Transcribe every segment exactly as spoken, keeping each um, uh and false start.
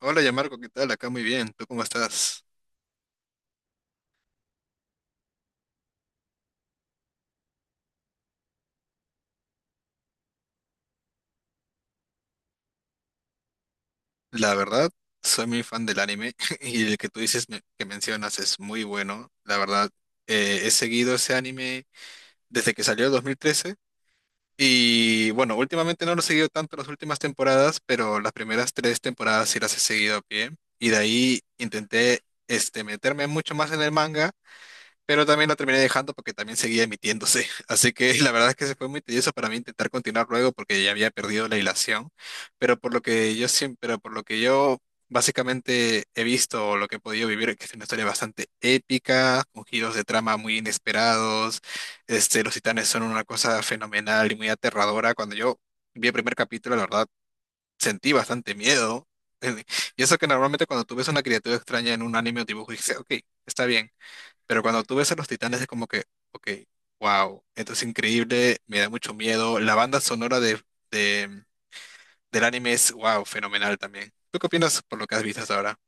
Hola, Yamarco, ¿qué tal? Acá muy bien. ¿Tú cómo estás? La verdad, soy muy fan del anime y el que tú dices me- que mencionas es muy bueno. La verdad, eh, he seguido ese anime desde que salió en dos mil trece y bueno, últimamente no lo he seguido tanto las últimas temporadas, pero las primeras tres temporadas sí las he seguido a pie y de ahí intenté este, meterme mucho más en el manga, pero también la terminé dejando porque también seguía emitiéndose. Así que la verdad es que se fue muy tedioso para mí intentar continuar luego porque ya había perdido la hilación. Pero por lo que yo siempre, pero por lo que yo básicamente he visto o lo que he podido vivir, que es una historia bastante épica, con giros de trama muy inesperados. Este, los titanes son una cosa fenomenal y muy aterradora. Cuando yo vi el primer capítulo, la verdad, sentí bastante miedo. Y eso que normalmente cuando tú ves una criatura extraña en un anime o dibujo, dices, ok, está bien. Pero cuando tú ves a los Titanes es como que, ok, wow, esto es increíble, me da mucho miedo. La banda sonora de, de- del anime es, wow, fenomenal también. ¿Tú qué opinas por lo que has visto hasta ahora?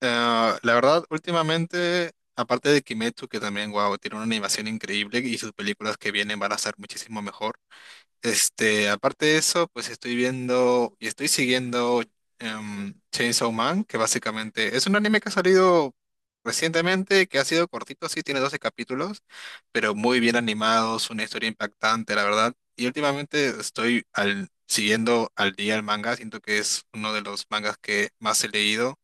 Eh, la verdad, últimamente, aparte de Kimetsu, que también, wow, tiene una animación increíble y sus películas que vienen van a ser muchísimo mejor. Este, aparte de eso, pues estoy viendo y estoy siguiendo em, Chainsaw Man, que básicamente es un anime que ha salido recientemente, que ha sido cortito, sí, tiene doce capítulos, pero muy bien animados, una historia impactante, la verdad. Y últimamente estoy al, siguiendo al día el manga, siento que es uno de los mangas que más he leído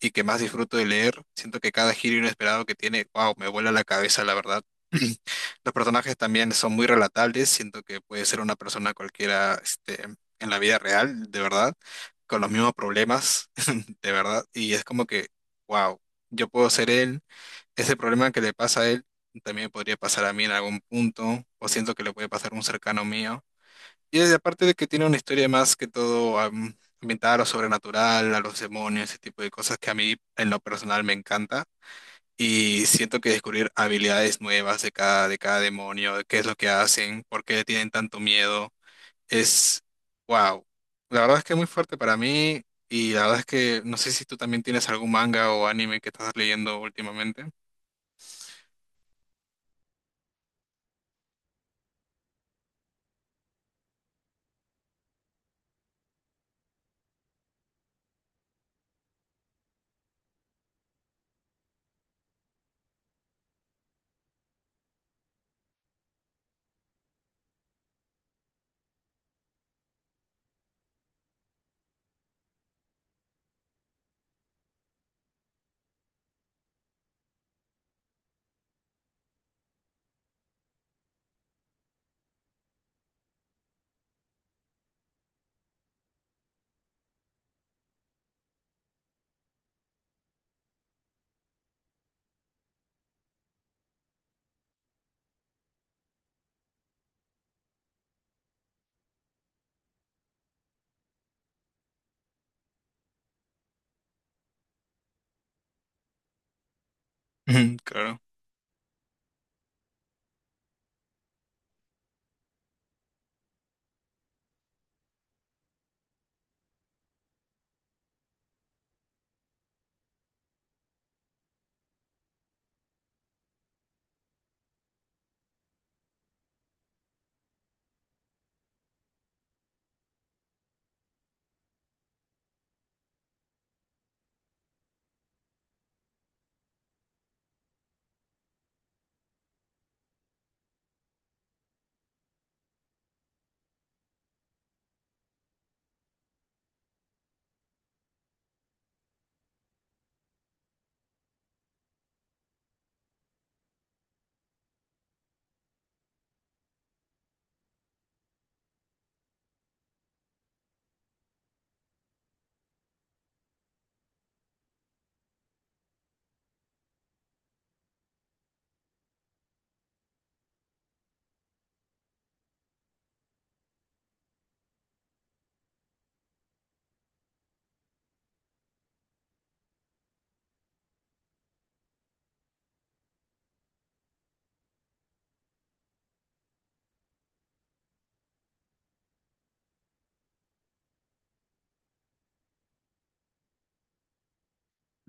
y que más disfruto de leer. Siento que cada giro inesperado que tiene, wow, me vuela la cabeza, la verdad. Los personajes también son muy relatables, siento que puede ser una persona cualquiera, este, en la vida real, de verdad, con los mismos problemas, de verdad, y es como que, wow, yo puedo ser él, ese problema que le pasa a él también podría pasar a mí en algún punto, o siento que le puede pasar a un cercano mío. Y es- aparte de que tiene una historia más que todo am, ambientada a lo sobrenatural, a los demonios, ese tipo de cosas que a mí en lo personal me encanta. Y siento que descubrir habilidades nuevas de cada, de cada demonio, de qué es lo que hacen, por qué tienen tanto miedo, es wow. La verdad es que es muy fuerte para mí y la verdad es que no sé si tú también tienes algún manga o anime que estás leyendo últimamente. Claro.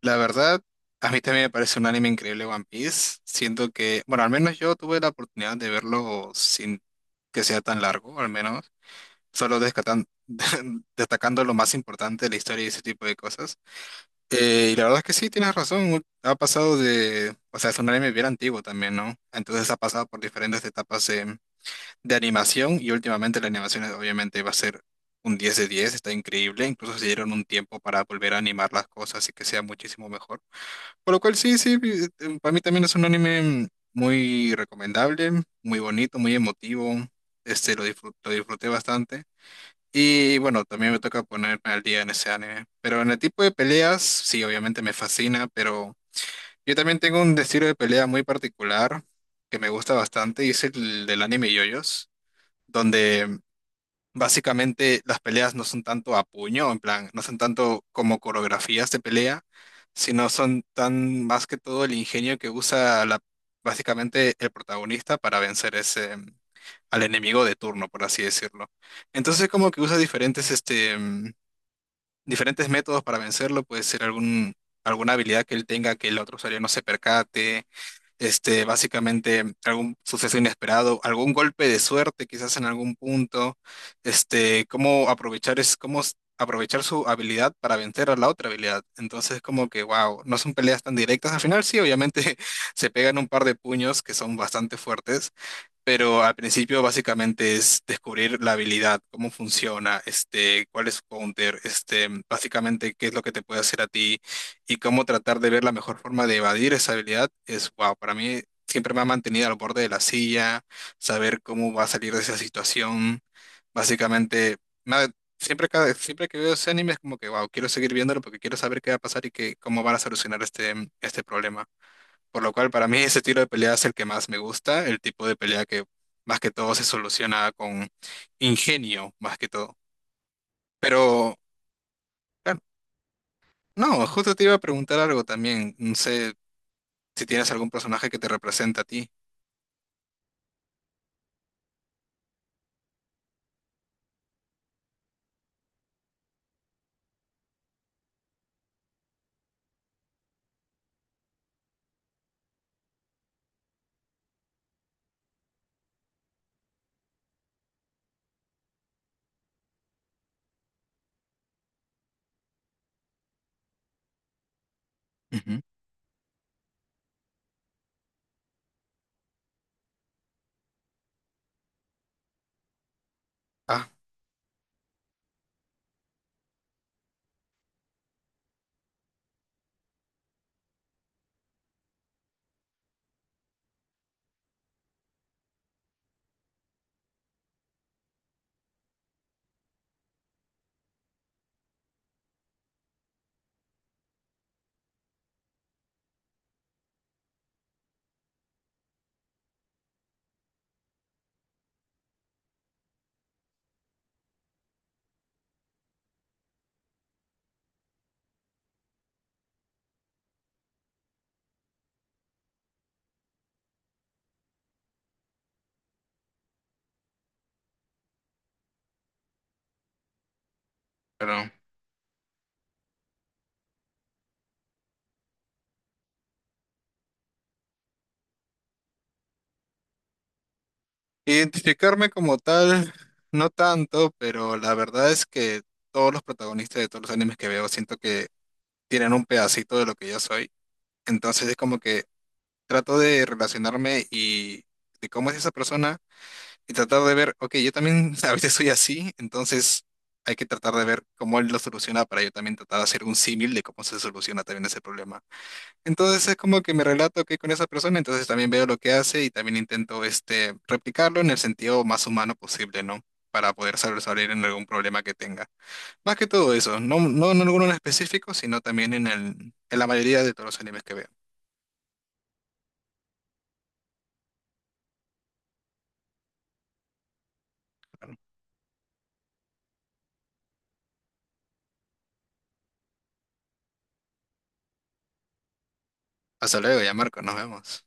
La verdad, a mí también me parece un anime increíble One Piece. Siento que, bueno, al menos yo tuve la oportunidad de verlo sin que sea tan largo, al menos, solo descatan- destacando lo más importante de la historia y ese tipo de cosas. Eh, y la verdad es que sí, tienes razón, ha pasado de, o sea, es un anime bien antiguo también, ¿no? Entonces ha pasado por diferentes etapas de, de animación y últimamente la animación es obviamente va a ser un diez de diez, está increíble, incluso se dieron un tiempo para volver a animar las cosas y que sea muchísimo mejor. Por lo cual sí, sí, eh, para mí también es un anime muy recomendable, muy bonito, muy emotivo. Este, lo disfru- lo disfruté bastante. Y bueno, también me toca ponerme al día en ese anime. Pero en el tipo de peleas, sí, obviamente me fascina, pero yo también tengo un estilo de pelea muy particular que me gusta bastante y es el del anime yoyos, donde básicamente las peleas no son tanto a puño, en plan, no son tanto como coreografías de pelea, sino son tan más que todo el ingenio que usa la, básicamente el protagonista para vencer ese, mm, al enemigo de turno, por así decirlo. Entonces como que usa diferentes, este, mm, diferentes métodos para vencerlo, puede ser algún, alguna habilidad que él tenga que el otro usuario no se percate, este, básicamente algún suceso inesperado, algún golpe de suerte quizás en algún punto, este, cómo aprovechar es, cómo s- aprovechar su habilidad para vencer a la otra habilidad. Entonces, como que, wow, no son peleas tan directas. Al final sí, obviamente se pegan un par de puños que son bastante fuertes, pero al principio básicamente es descubrir la habilidad, cómo funciona, este, cuál es su counter, este, básicamente qué es lo que te puede hacer a ti y cómo tratar de ver la mejor forma de evadir esa habilidad es wow, para mí siempre me ha mantenido al borde de la silla, saber cómo va a salir de esa situación, básicamente me ha- siempre cada- siempre que veo ese anime es como que wow, quiero seguir viéndolo porque quiero saber qué va a pasar y que, cómo van a solucionar este este problema. Por lo cual, para mí ese estilo de pelea es el que más me gusta, el tipo de pelea que más que todo se soluciona con ingenio, más que todo. Pero, claro, no, justo te iba a preguntar algo también. No sé si tienes algún personaje que te representa a ti. Ujú. Ah, pero identificarme como tal, no tanto, pero la verdad es que todos los protagonistas de todos los animes que veo siento que tienen un pedacito de lo que yo soy. Entonces es como que trato de relacionarme y de cómo es esa persona y tratar de ver, ok, yo también a veces soy así, entonces hay que tratar de ver cómo él lo soluciona para yo también tratar de hacer un símil de cómo se soluciona también ese problema. Entonces es como que me relato que con esa persona, entonces también veo lo que hace y también intento, este, replicarlo en el sentido más humano posible, ¿no?, para poder salir en algún problema que tenga. Más que todo eso, no, no en alguno en específico, sino también en el, en la mayoría de todos los animes que veo. Hasta luego, ya Marco, nos vemos.